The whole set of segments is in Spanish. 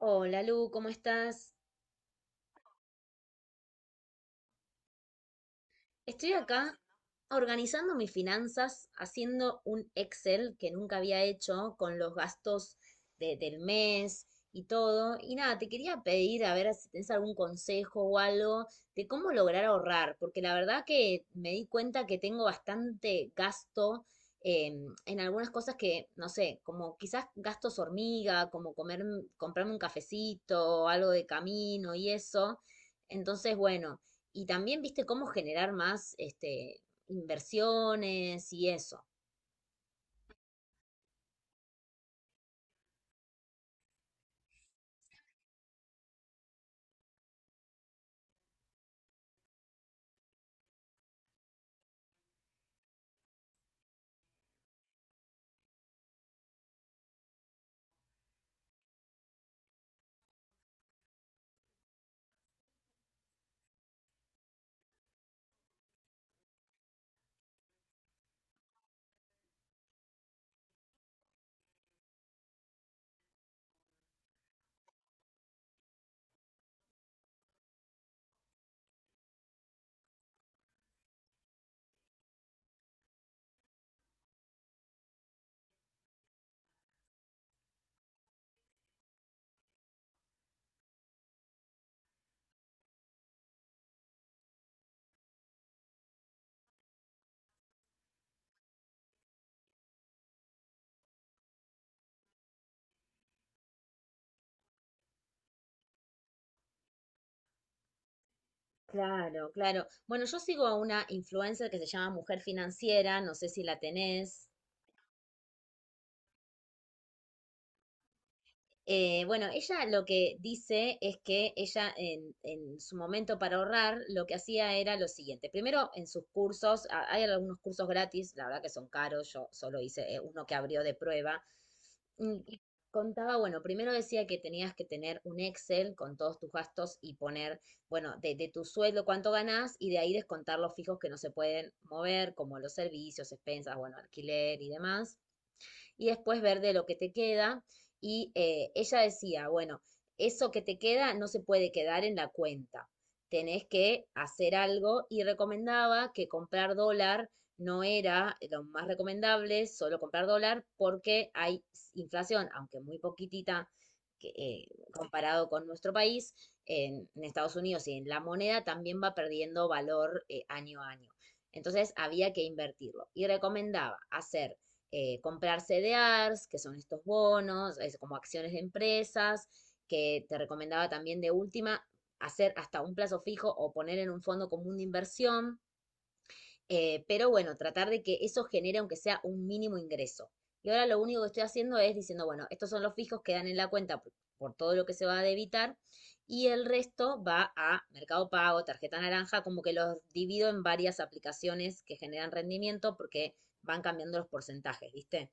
Hola Lu, ¿cómo estás? Estoy acá organizando mis finanzas, haciendo un Excel que nunca había hecho con los gastos del mes y todo. Y nada, te quería pedir a ver si tienes algún consejo o algo de cómo lograr ahorrar, porque la verdad que me di cuenta que tengo bastante gasto en algunas cosas que, no sé, como quizás gastos hormiga, como comer, comprarme un cafecito, o algo de camino y eso. Entonces, bueno. Y también, viste, cómo generar más este, inversiones y eso. Claro, claro. Bueno, yo sigo a una influencer que se llama Mujer Financiera, no sé si la tenés. Bueno, ella lo que dice es que ella en su momento para ahorrar lo que hacía era lo siguiente. Primero, en sus cursos, hay algunos cursos gratis, la verdad que son caros, yo solo hice uno que abrió de prueba. Y contaba, bueno, primero decía que tenías que tener un Excel con todos tus gastos y poner, bueno, de tu sueldo cuánto ganás y de ahí descontar los fijos que no se pueden mover, como los servicios, expensas, bueno, alquiler y demás y después ver de lo que te queda. Y ella decía, bueno, eso que te queda no se puede quedar en la cuenta, tenés que hacer algo y recomendaba que comprar dólar no era lo más recomendable, solo comprar dólar porque hay inflación, aunque muy poquitita que, comparado con nuestro país, en Estados Unidos y en la moneda también va perdiendo valor año a año. Entonces había que invertirlo y recomendaba hacer comprar CDRs, que son estos bonos, es como acciones de empresas, que te recomendaba también de última hacer hasta un plazo fijo o poner en un fondo común de inversión, pero bueno, tratar de que eso genere aunque sea un mínimo ingreso. Y ahora lo único que estoy haciendo es diciendo, bueno, estos son los fijos que dan en la cuenta por todo lo que se va a debitar y el resto va a Mercado Pago, tarjeta naranja, como que los divido en varias aplicaciones que generan rendimiento porque van cambiando los porcentajes, ¿viste?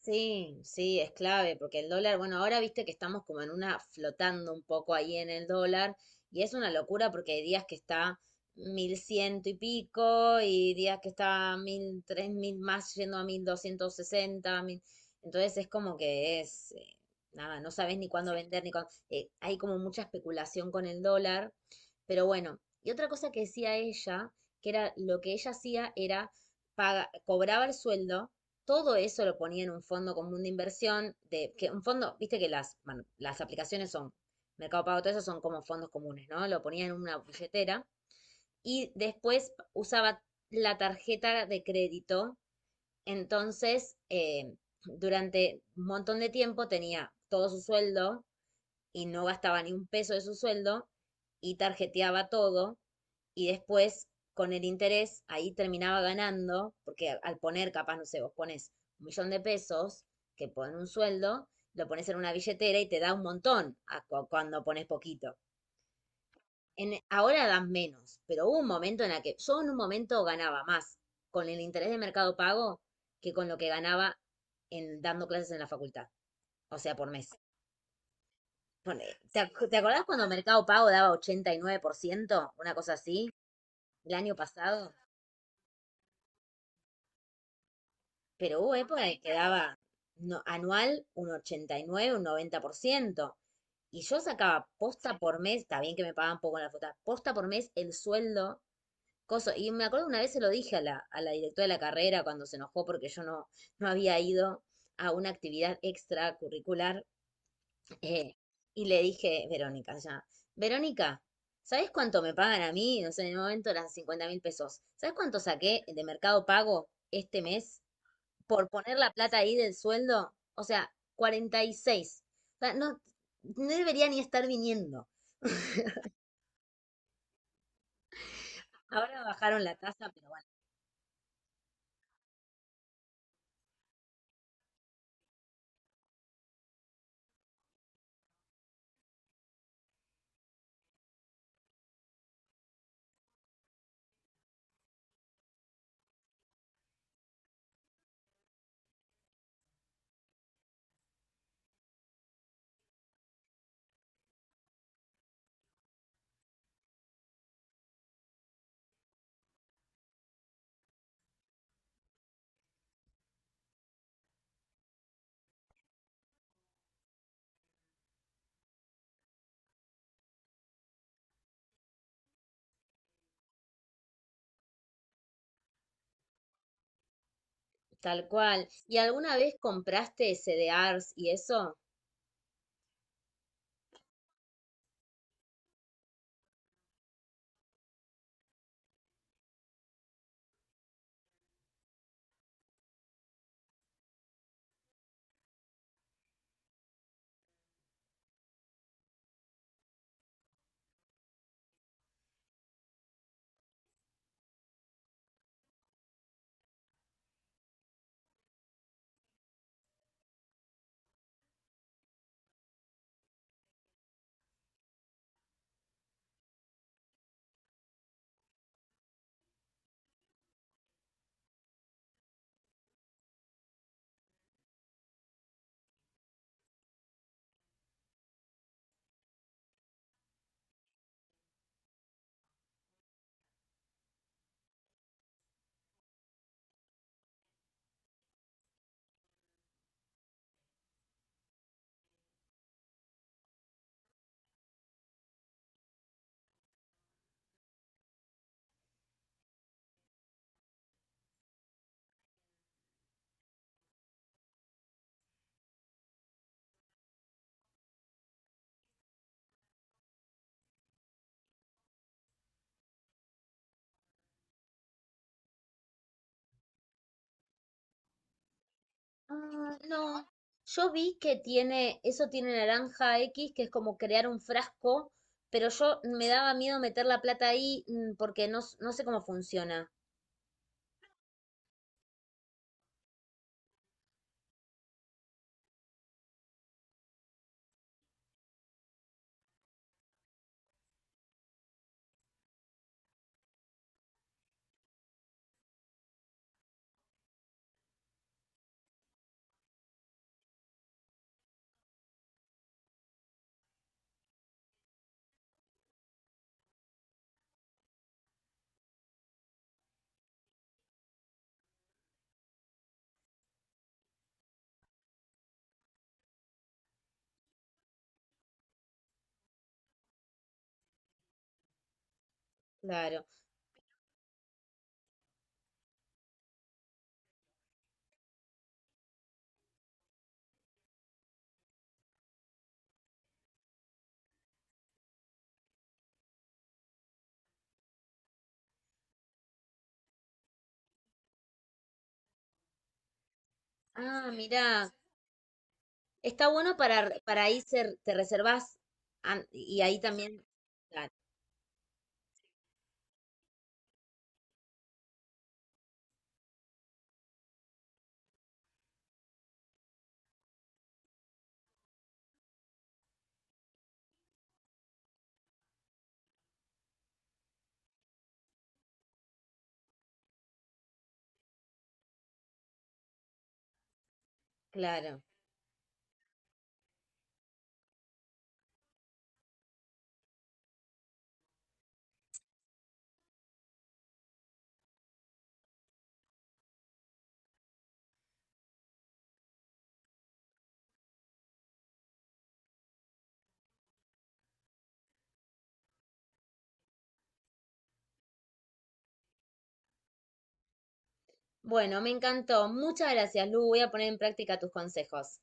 Sí, sí, es clave, porque el dólar, bueno, ahora viste que estamos como en una flotando un poco ahí en el dólar, y es una locura porque hay días que está mil ciento y pico, y días que está mil, tres mil más yendo a 1.260, mil. Entonces es como que es, nada, no sabes ni cuándo vender, ni cuándo. Hay como mucha especulación con el dólar, pero bueno, y otra cosa que decía ella, que era lo que ella hacía era cobraba el sueldo, todo eso lo ponía en un fondo común de inversión, de que un fondo, viste que bueno, las aplicaciones son, Mercado Pago, todo eso son como fondos comunes, ¿no? Lo ponía en una billetera y después usaba la tarjeta de crédito. Entonces, durante un montón de tiempo tenía todo su sueldo y no gastaba ni un peso de su sueldo y tarjeteaba todo, y después con el interés ahí terminaba ganando, porque al poner capaz, no sé, vos pones un millón de pesos, que ponen un sueldo, lo pones en una billetera y te da un montón a cuando pones poquito. Ahora dan menos, pero hubo un momento en el que yo en un momento ganaba más con el interés de Mercado Pago que con lo que ganaba dando clases en la facultad, o sea, por mes. Pone- ¿Te acordás cuando Mercado Pago daba 89%, una cosa así, el año pasado? Pero hubo época que quedaba anual un 89, un 90%. Y yo sacaba posta por mes, está bien que me pagaban poco en la facultad, posta por mes el sueldo, coso. Y me acuerdo una vez se lo dije a la directora de la carrera cuando se enojó porque yo no, no había ido a una actividad extracurricular. eh, y le dije, Verónica, ya, Verónica, ¿sabes cuánto me pagan a mí? No sé, en el momento eran 50.000 pesos. ¿Sabes cuánto saqué de Mercado Pago este mes? Por poner la plata ahí del sueldo, o sea, 46. O sea, no, no debería ni estar viniendo. Ahora bajaron la tasa, pero bueno, tal cual. ¿Y alguna vez compraste C CDRs y eso? Ah, no. Yo vi que tiene, eso tiene naranja X, que es como crear un frasco, pero yo me daba miedo meter la plata ahí porque no, no sé cómo funciona. Claro. Ah, mira. Está bueno para ahí te reservas y ahí también. Claro, claro. Bueno, me encantó. Muchas gracias, Lu. Voy a poner en práctica tus consejos.